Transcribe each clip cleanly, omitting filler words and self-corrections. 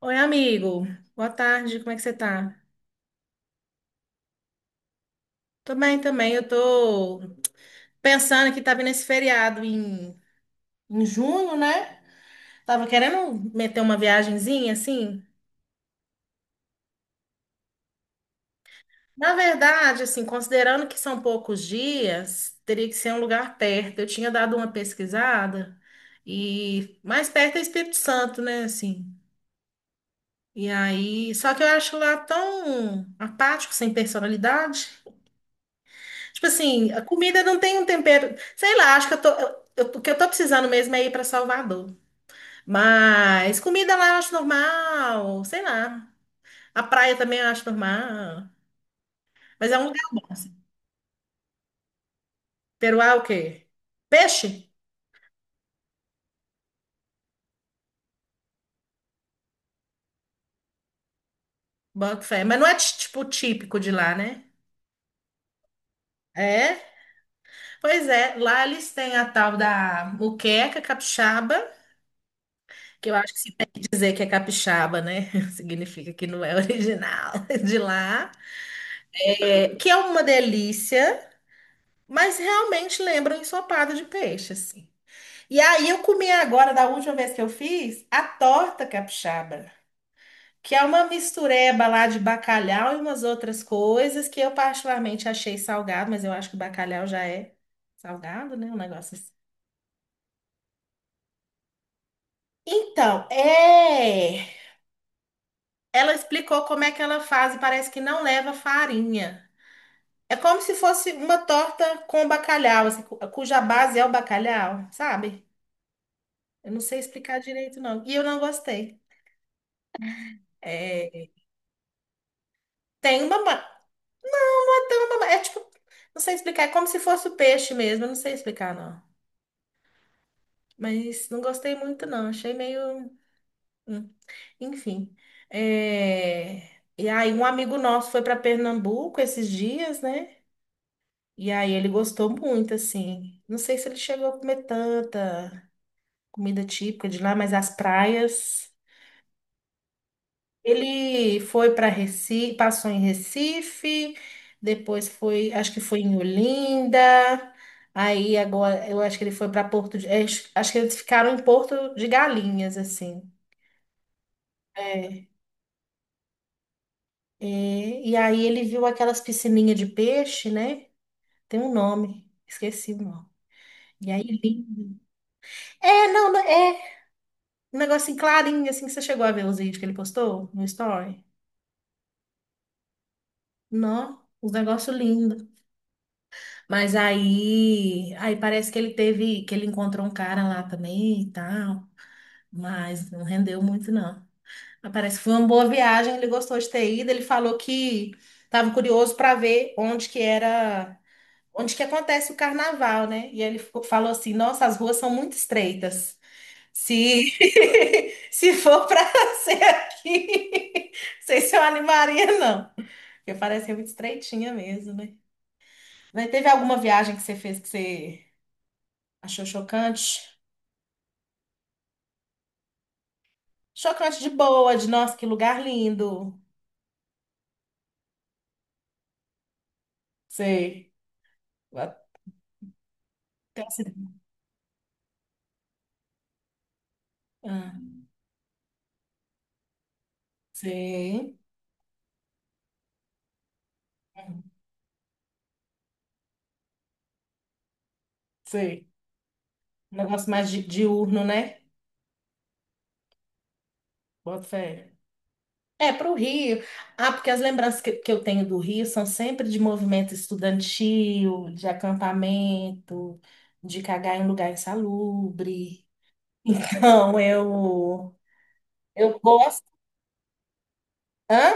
Oi, amigo. Boa tarde, como é que você tá? Tô bem também. Eu tô pensando que tá vindo esse feriado em junho, né? Tava querendo meter uma viagenzinha, assim. Na verdade, assim, considerando que são poucos dias, teria que ser um lugar perto. Eu tinha dado uma pesquisada e mais perto é Espírito Santo, né, assim. E aí, só que eu acho lá tão apático, sem personalidade. Tipo assim, a comida não tem um tempero. Sei lá, acho que eu o que eu tô precisando mesmo é ir pra Salvador. Mas comida lá eu acho normal, sei lá. A praia também eu acho normal. Mas é um lugar bom, assim. Peruá é o quê? Peixe? Boto fé. Mas não é tipo típico de lá, né? É? Pois é, lá eles têm a tal da muqueca capixaba, que eu acho que se tem que dizer que é capixaba, né? Significa que não é original de lá. É, que é uma delícia. Mas realmente lembra um ensopado de peixe, assim. E aí eu comi agora, da última vez que eu fiz, a torta capixaba, que é uma mistureba lá de bacalhau e umas outras coisas que eu particularmente achei salgado, mas eu acho que o bacalhau já é salgado, né? Um negócio assim. Então, é. Ela explicou como é que ela faz e parece que não leva farinha. É como se fosse uma torta com bacalhau, assim, cuja base é o bacalhau, sabe? Eu não sei explicar direito, não. E eu não gostei. É, tem uma. ma- não Tem uma É tipo. Não sei explicar. É como se fosse o peixe mesmo. Eu não sei explicar, não. Mas não gostei muito, não. Achei meio, hum, enfim. É, e aí, um amigo nosso foi para Pernambuco esses dias, né? E aí, ele gostou muito, assim. Não sei se ele chegou a comer tanta comida típica de lá, mas as praias. Ele foi para Recife, passou em Recife, depois foi, acho que foi em Olinda. Aí agora, eu acho que ele foi para Porto, de, é, acho que eles ficaram em Porto de Galinhas, assim. É. E, e aí ele viu aquelas piscininhas de peixe, né? Tem um nome, esqueci o nome. E aí lindo. É, não, não, é um negócio clarinho, assim, que você chegou a ver os vídeos que ele postou no story. Não, um negócio lindo. Mas aí, aí parece que ele teve, que ele encontrou um cara lá também e tal, mas não rendeu muito não. Mas parece que foi uma boa viagem, ele gostou de ter ido, ele falou que estava curioso para ver onde que era, onde que acontece o carnaval, né? E ele ficou- falou assim: "Nossa, as ruas são muito estreitas. Se se for para ser aqui, não sei se eu animaria não, porque parece ser muito estreitinha mesmo, né?" Mas teve alguma viagem que você fez que você achou chocante? Chocante de boa, de nossa, que lugar lindo. Sei. Até se- ah, sei. Sei. Um negócio mais diurno, né? Bota fé. É, para o Rio. Ah, porque as lembranças que eu tenho do Rio são sempre de movimento estudantil, de acampamento, de cagar em lugar insalubre. Então, eu gosto. Hã?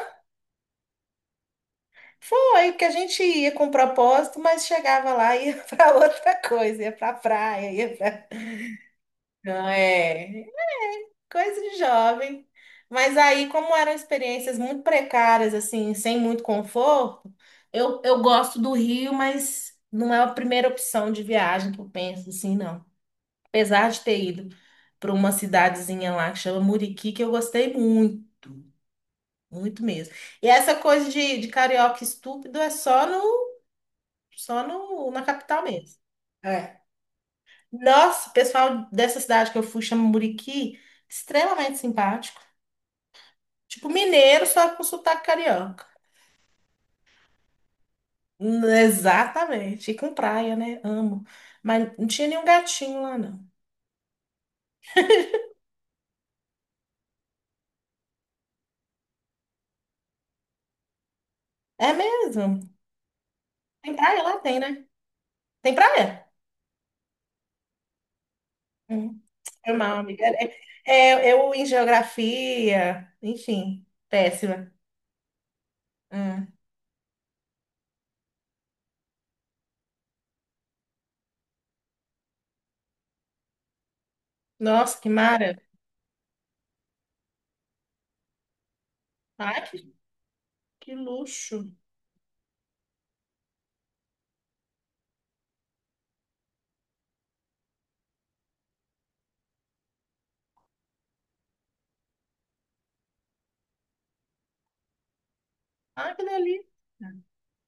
Foi, porque a gente ia com propósito, mas chegava lá e ia para outra coisa, ia para praia, ia para. Não é, coisa de jovem. Mas aí, como eram experiências muito precárias, assim, sem muito conforto, eu gosto do Rio, mas não é a primeira opção de viagem que eu penso, assim, não. Apesar de ter ido para uma cidadezinha lá que chama Muriqui, que eu gostei muito, muito mesmo. E essa coisa de carioca estúpido é só no. Só no, na capital mesmo. É. Nossa, o pessoal dessa cidade que eu fui, chama Muriqui, extremamente simpático. Tipo mineiro, só com sotaque carioca. Exatamente. E com praia, né? Amo. Mas não tinha nenhum gatinho lá, não. É mesmo? Tem praia lá? Tem, né? Tem praia? Hum, foi mal, amiga. É, é, eu em geografia, enfim, péssima. Hum. Nossa, que mara. Ai, que luxo. Ai, que delícia.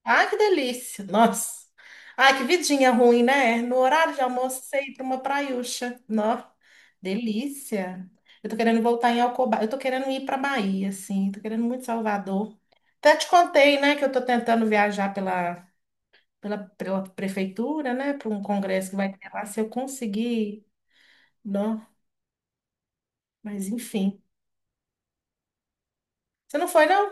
Ai, que delícia. Nossa. Ai, que vidinha ruim, né? No horário de almoço, você ir para uma praiúcha. Nossa, delícia. Eu tô querendo voltar em Alcoba. Eu tô querendo ir para Bahia, assim. Tô querendo muito Salvador. Até te contei, né, que eu tô tentando viajar pela prefeitura, né, para um congresso que vai ter lá. Se eu conseguir, não. Mas, enfim. Você não foi, não?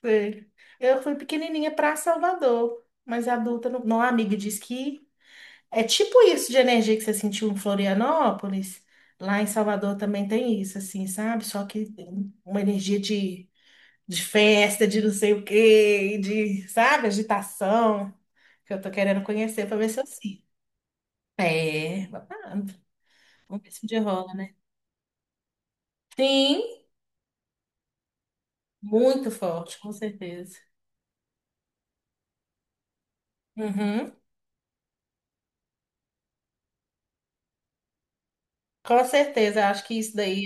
Foi. Eu fui pequenininha para Salvador. Mas adulta, não. Não, a amiga disse que é tipo isso de energia que você sentiu em Florianópolis. Lá em Salvador também tem isso, assim, sabe? Só que uma energia de festa, de não sei o quê, de, sabe, agitação, que eu tô querendo conhecer pra ver se eu sinto. É, babado. Vamos ver se um dia rola, né? Sim, muito forte, com certeza. Uhum, com certeza, eu acho que isso daí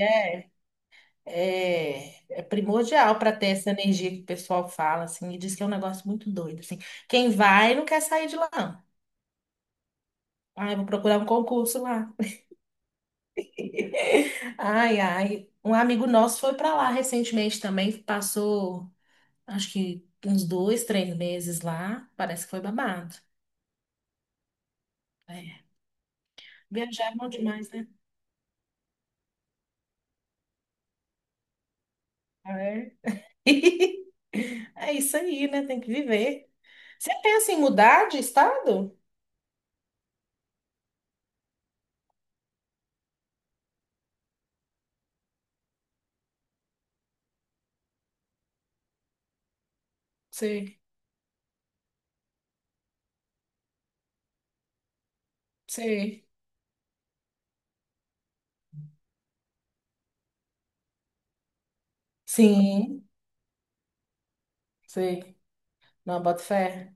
é, é primordial para ter essa energia que o pessoal fala, assim, e diz que é um negócio muito doido, assim. Quem vai não quer sair de lá, não. Ai, vou procurar um concurso lá. Ai, ai. Um amigo nosso foi para lá recentemente também, passou, acho que uns dois, três meses lá, parece que foi babado. É. Viajar é bom demais, né? É. É isso aí, né? Tem que viver. Você pensa em mudar de estado? Sei, sei. Sim, sei. Não, boto fé.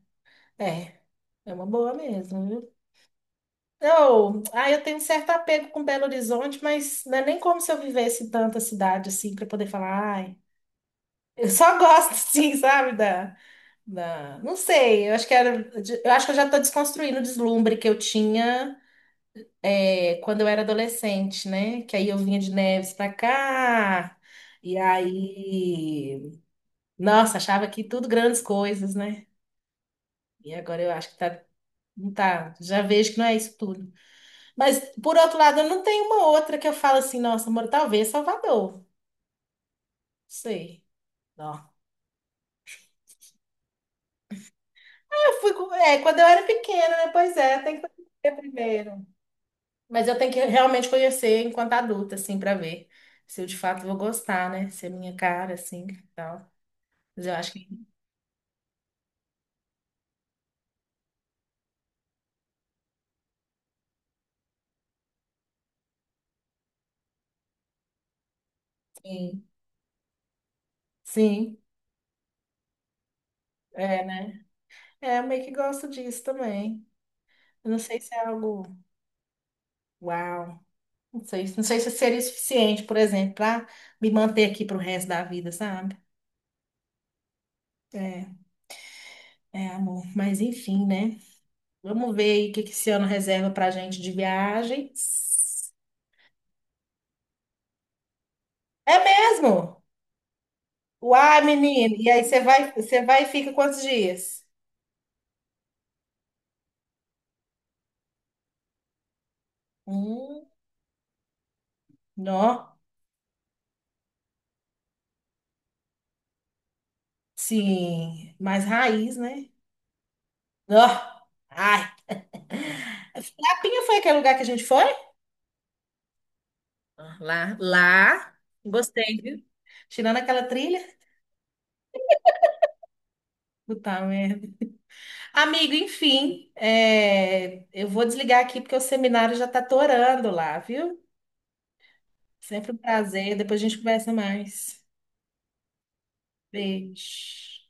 É, é uma boa mesmo, viu? Eu, ah, eu tenho um certo apego com Belo Horizonte, mas não é nem como se eu vivesse em tanta cidade assim para poder falar, ai. Eu só gosto, sim, sabe, da, da... Não sei, eu acho que era... Eu acho que eu já estou desconstruindo o deslumbre que eu tinha, é, quando eu era adolescente, né? Que aí eu vinha de Neves para cá, e aí... Nossa, achava que tudo grandes coisas, né? E agora eu acho que tá... Não tá, já vejo que não é isso tudo. Mas, por outro lado, eu não tenho uma outra que eu falo assim, nossa, amor, talvez Salvador. Não sei. Não. Eu fui, é, quando eu era pequena, né? Pois é, tem que conhecer primeiro. Mas eu tenho que realmente conhecer enquanto adulta, assim, pra ver se eu de fato vou gostar, né? Se é minha cara, assim, e tal. Mas eu acho que sim. Sim, é, né? É, eu meio que gosto disso também. Eu não sei se é algo. Uau! Não sei, não sei se seria o suficiente, por exemplo, pra me manter aqui pro resto da vida, sabe? É. É, amor, mas enfim, né? Vamos ver aí o que que esse ano reserva pra gente de viagens. É mesmo? Uai, menino. E aí você vai e fica quantos dias? Hum, nó. Sim, mais raiz, né? Nó. Ai. Lapinha foi aquele lugar que a gente foi? Ah, lá, lá. Gostei, viu? Tirando aquela trilha. Puta merda. Amigo, enfim, é, eu vou desligar aqui porque o seminário já tá torando lá, viu? Sempre um prazer. Depois a gente conversa mais. Beijo.